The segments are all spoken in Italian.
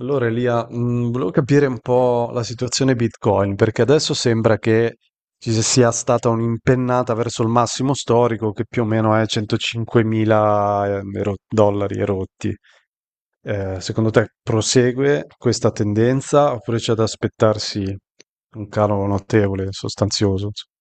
Allora, Elia, volevo capire un po' la situazione Bitcoin, perché adesso sembra che ci sia stata un'impennata verso il massimo storico, che più o meno è 105.000 dollari erotti. Secondo te prosegue questa tendenza oppure c'è da aspettarsi un calo notevole, sostanzioso, insomma?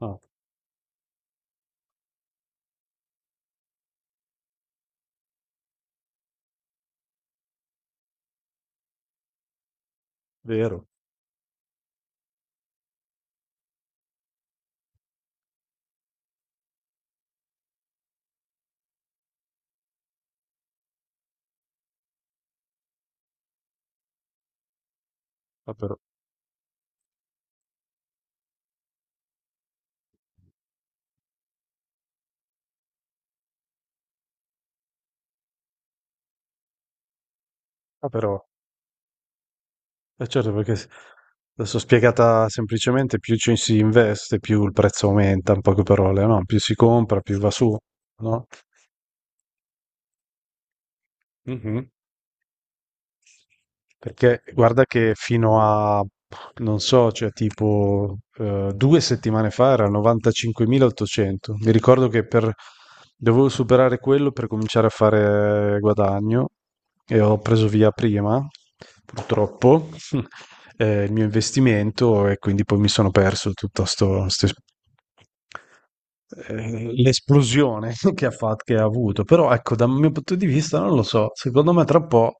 Ah, vero. Ah, però. Ah, però. Eh certo, perché adesso spiegata semplicemente, più ci si investe, più il prezzo aumenta, in poche parole, no? Più si compra, più va su, no? Mhm. Perché guarda che fino a, non so, cioè tipo 2 settimane fa era 95.800. Mi ricordo che per, dovevo superare quello per cominciare a fare guadagno e ho preso via prima, purtroppo, il mio investimento e quindi poi mi sono perso tutto l'esplosione che ha fatto, che ha avuto. Però ecco, dal mio punto di vista, non lo so, secondo me tra un po'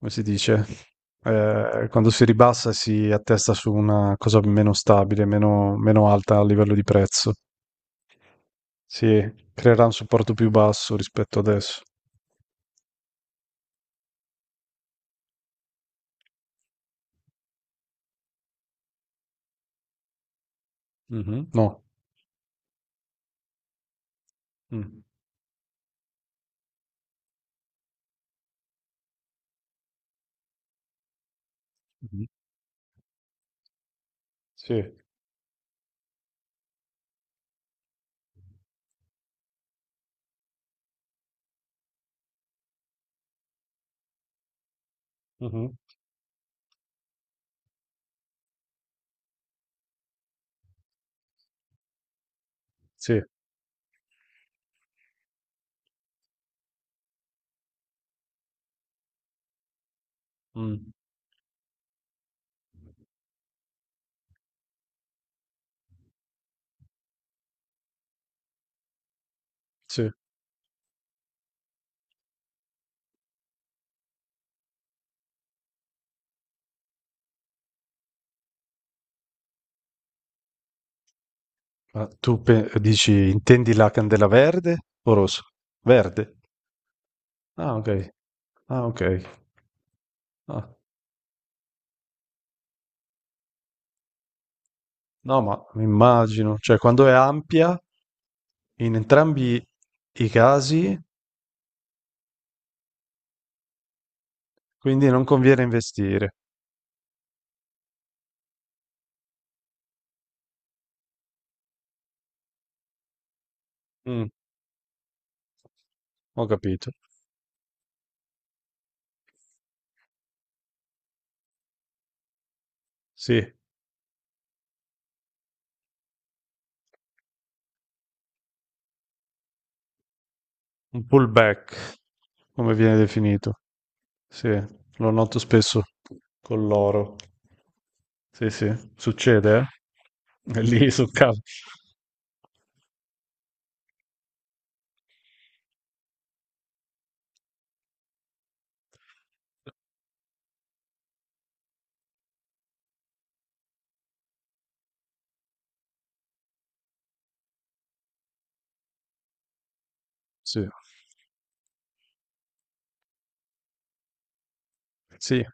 come si dice, quando si ribassa si attesta su una cosa meno stabile, meno, meno alta a livello di prezzo. Si creerà un supporto più basso rispetto adesso. Mhm. No. Mm. Mhm. Sì. Mhm. Sì. Mm. Sì. Ma tu dici, intendi la candela verde o rosa? Verde. Ah, ok. Ah, ok. Ah. No, ma mi immagino, cioè quando è ampia, in entrambi i casi. Quindi non conviene investire. Mm, ho capito. Sì, un pullback, come viene definito. Sì, lo noto spesso con l'oro. Sì, sì, succede, eh? È lì sul caso. Sì, sì.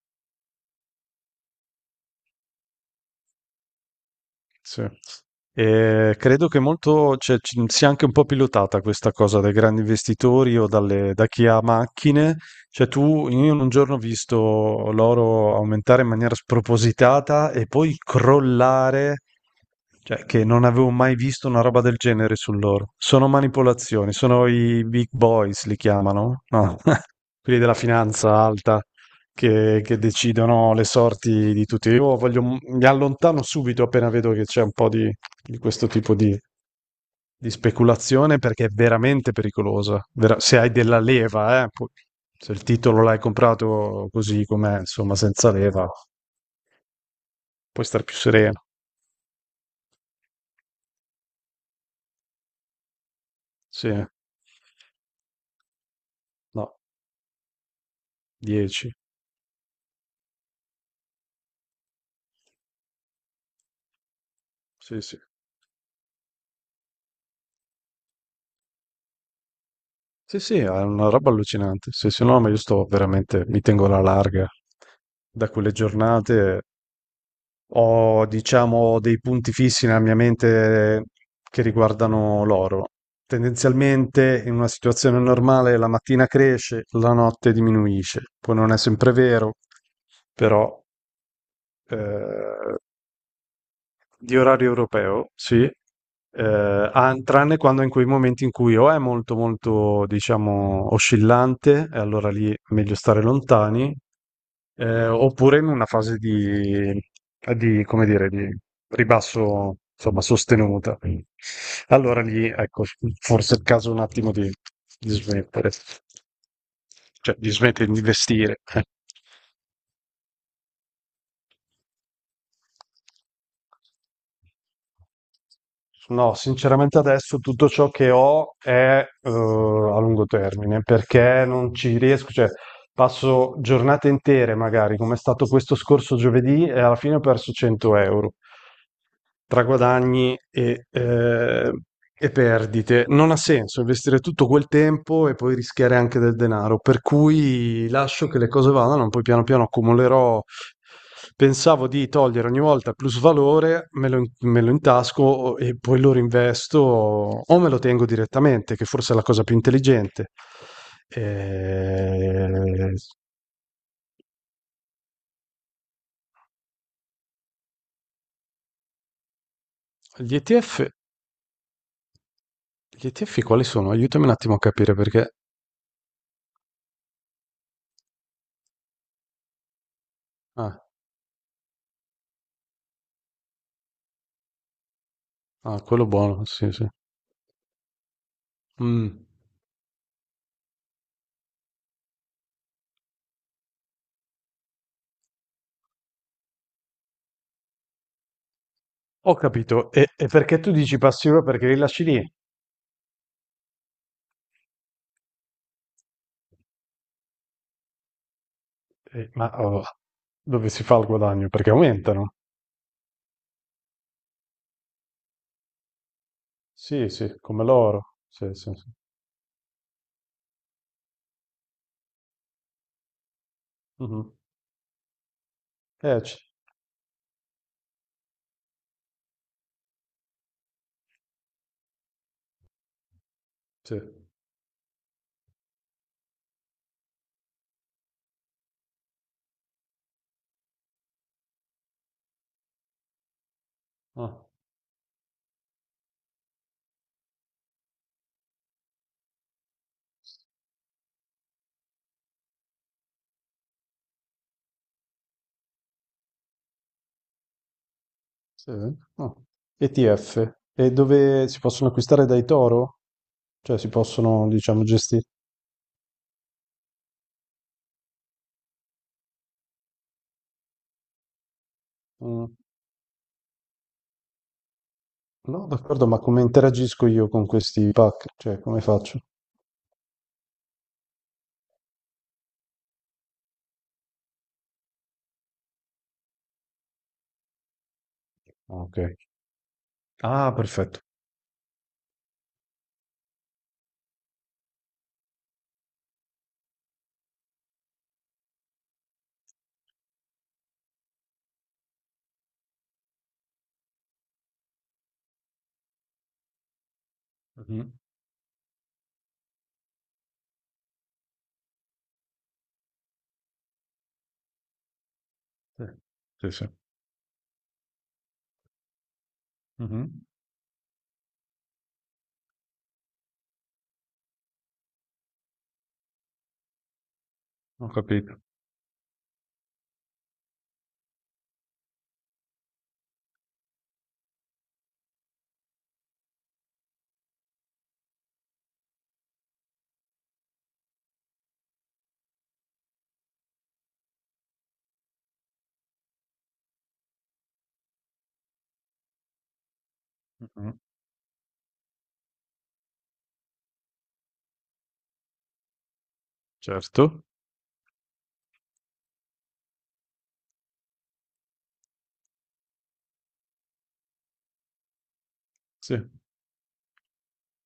Sì. E credo che molto, cioè, sia anche un po' pilotata questa cosa dai grandi investitori o da chi ha macchine. Cioè, tu, io in un giorno ho visto l'oro aumentare in maniera spropositata e poi crollare, cioè, che non avevo mai visto una roba del genere sull'oro. Sono manipolazioni, sono i big boys, li chiamano, no? Quelli della finanza alta che decidono le sorti di tutti. Io voglio, mi allontano subito appena vedo che c'è un po' di, questo tipo di, speculazione perché è veramente pericolosa. Se hai della leva, se il titolo l'hai comprato così com'è, insomma, senza leva, puoi stare più sereno. Sì, no, 10. Sì, sì. Sì, sì, è una roba allucinante. Se no, ma io sto veramente, mi tengo alla larga da quelle giornate. Ho, diciamo, dei punti fissi nella mia mente che riguardano l'oro. Tendenzialmente, in una situazione normale, la mattina cresce, la notte diminuisce. Poi non è sempre vero, però eh, di orario europeo, sì, ah, tranne quando in quei momenti in cui o è molto molto diciamo oscillante e allora lì è meglio stare lontani, oppure in una fase di, come dire, di ribasso, insomma, sostenuta. Allora lì, ecco, forse è il caso un attimo di smettere, cioè di smettere di investire. No, sinceramente adesso tutto ciò che ho è a lungo termine perché non ci riesco, cioè passo giornate intere magari, come è stato questo scorso giovedì, e alla fine ho perso 100 euro. Tra guadagni e perdite. Non ha senso investire tutto quel tempo e poi rischiare anche del denaro, per cui lascio che le cose vadano, poi piano piano accumulerò. Pensavo di togliere ogni volta plus valore, me lo intasco e poi lo rinvesto o me lo tengo direttamente, che forse è la cosa più intelligente. Eh, Gli ETF, gli ETF quali sono? Aiutami un attimo a capire perché. Ah, ah, quello buono, sì, sì. Mh, ho capito. E perché tu dici passi ora perché li lasci lì? Ma oh, dove si fa il guadagno? Perché aumentano. Sì, sì, come l'oro. Sì, sì, sì. Mh-mh. C sì. Ah, sì? Ah. ETF. E dove si possono acquistare dai toro? Cioè si possono, diciamo, gesti mh, no, d'accordo, ma come interagisco io con questi pack? Cioè come faccio? Ah, okay. Ah, perfetto. Mh-mh. Sì. Sì, sì. Mh-mh. Ho capito. Mh-mh. Certo, sì,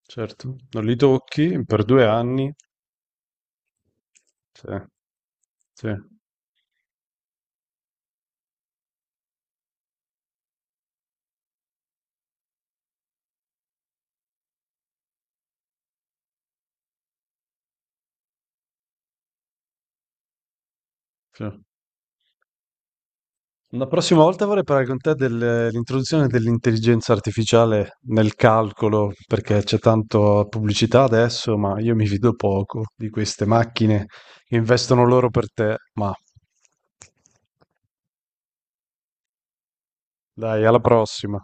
certo. Non li tocchi per 2 anni. Sì, sì, sì. La prossima volta vorrei parlare con te dell'introduzione dell'intelligenza artificiale nel calcolo, perché c'è tanto pubblicità adesso, ma io mi fido poco di queste macchine che investono loro per te. Ma dai, alla prossima.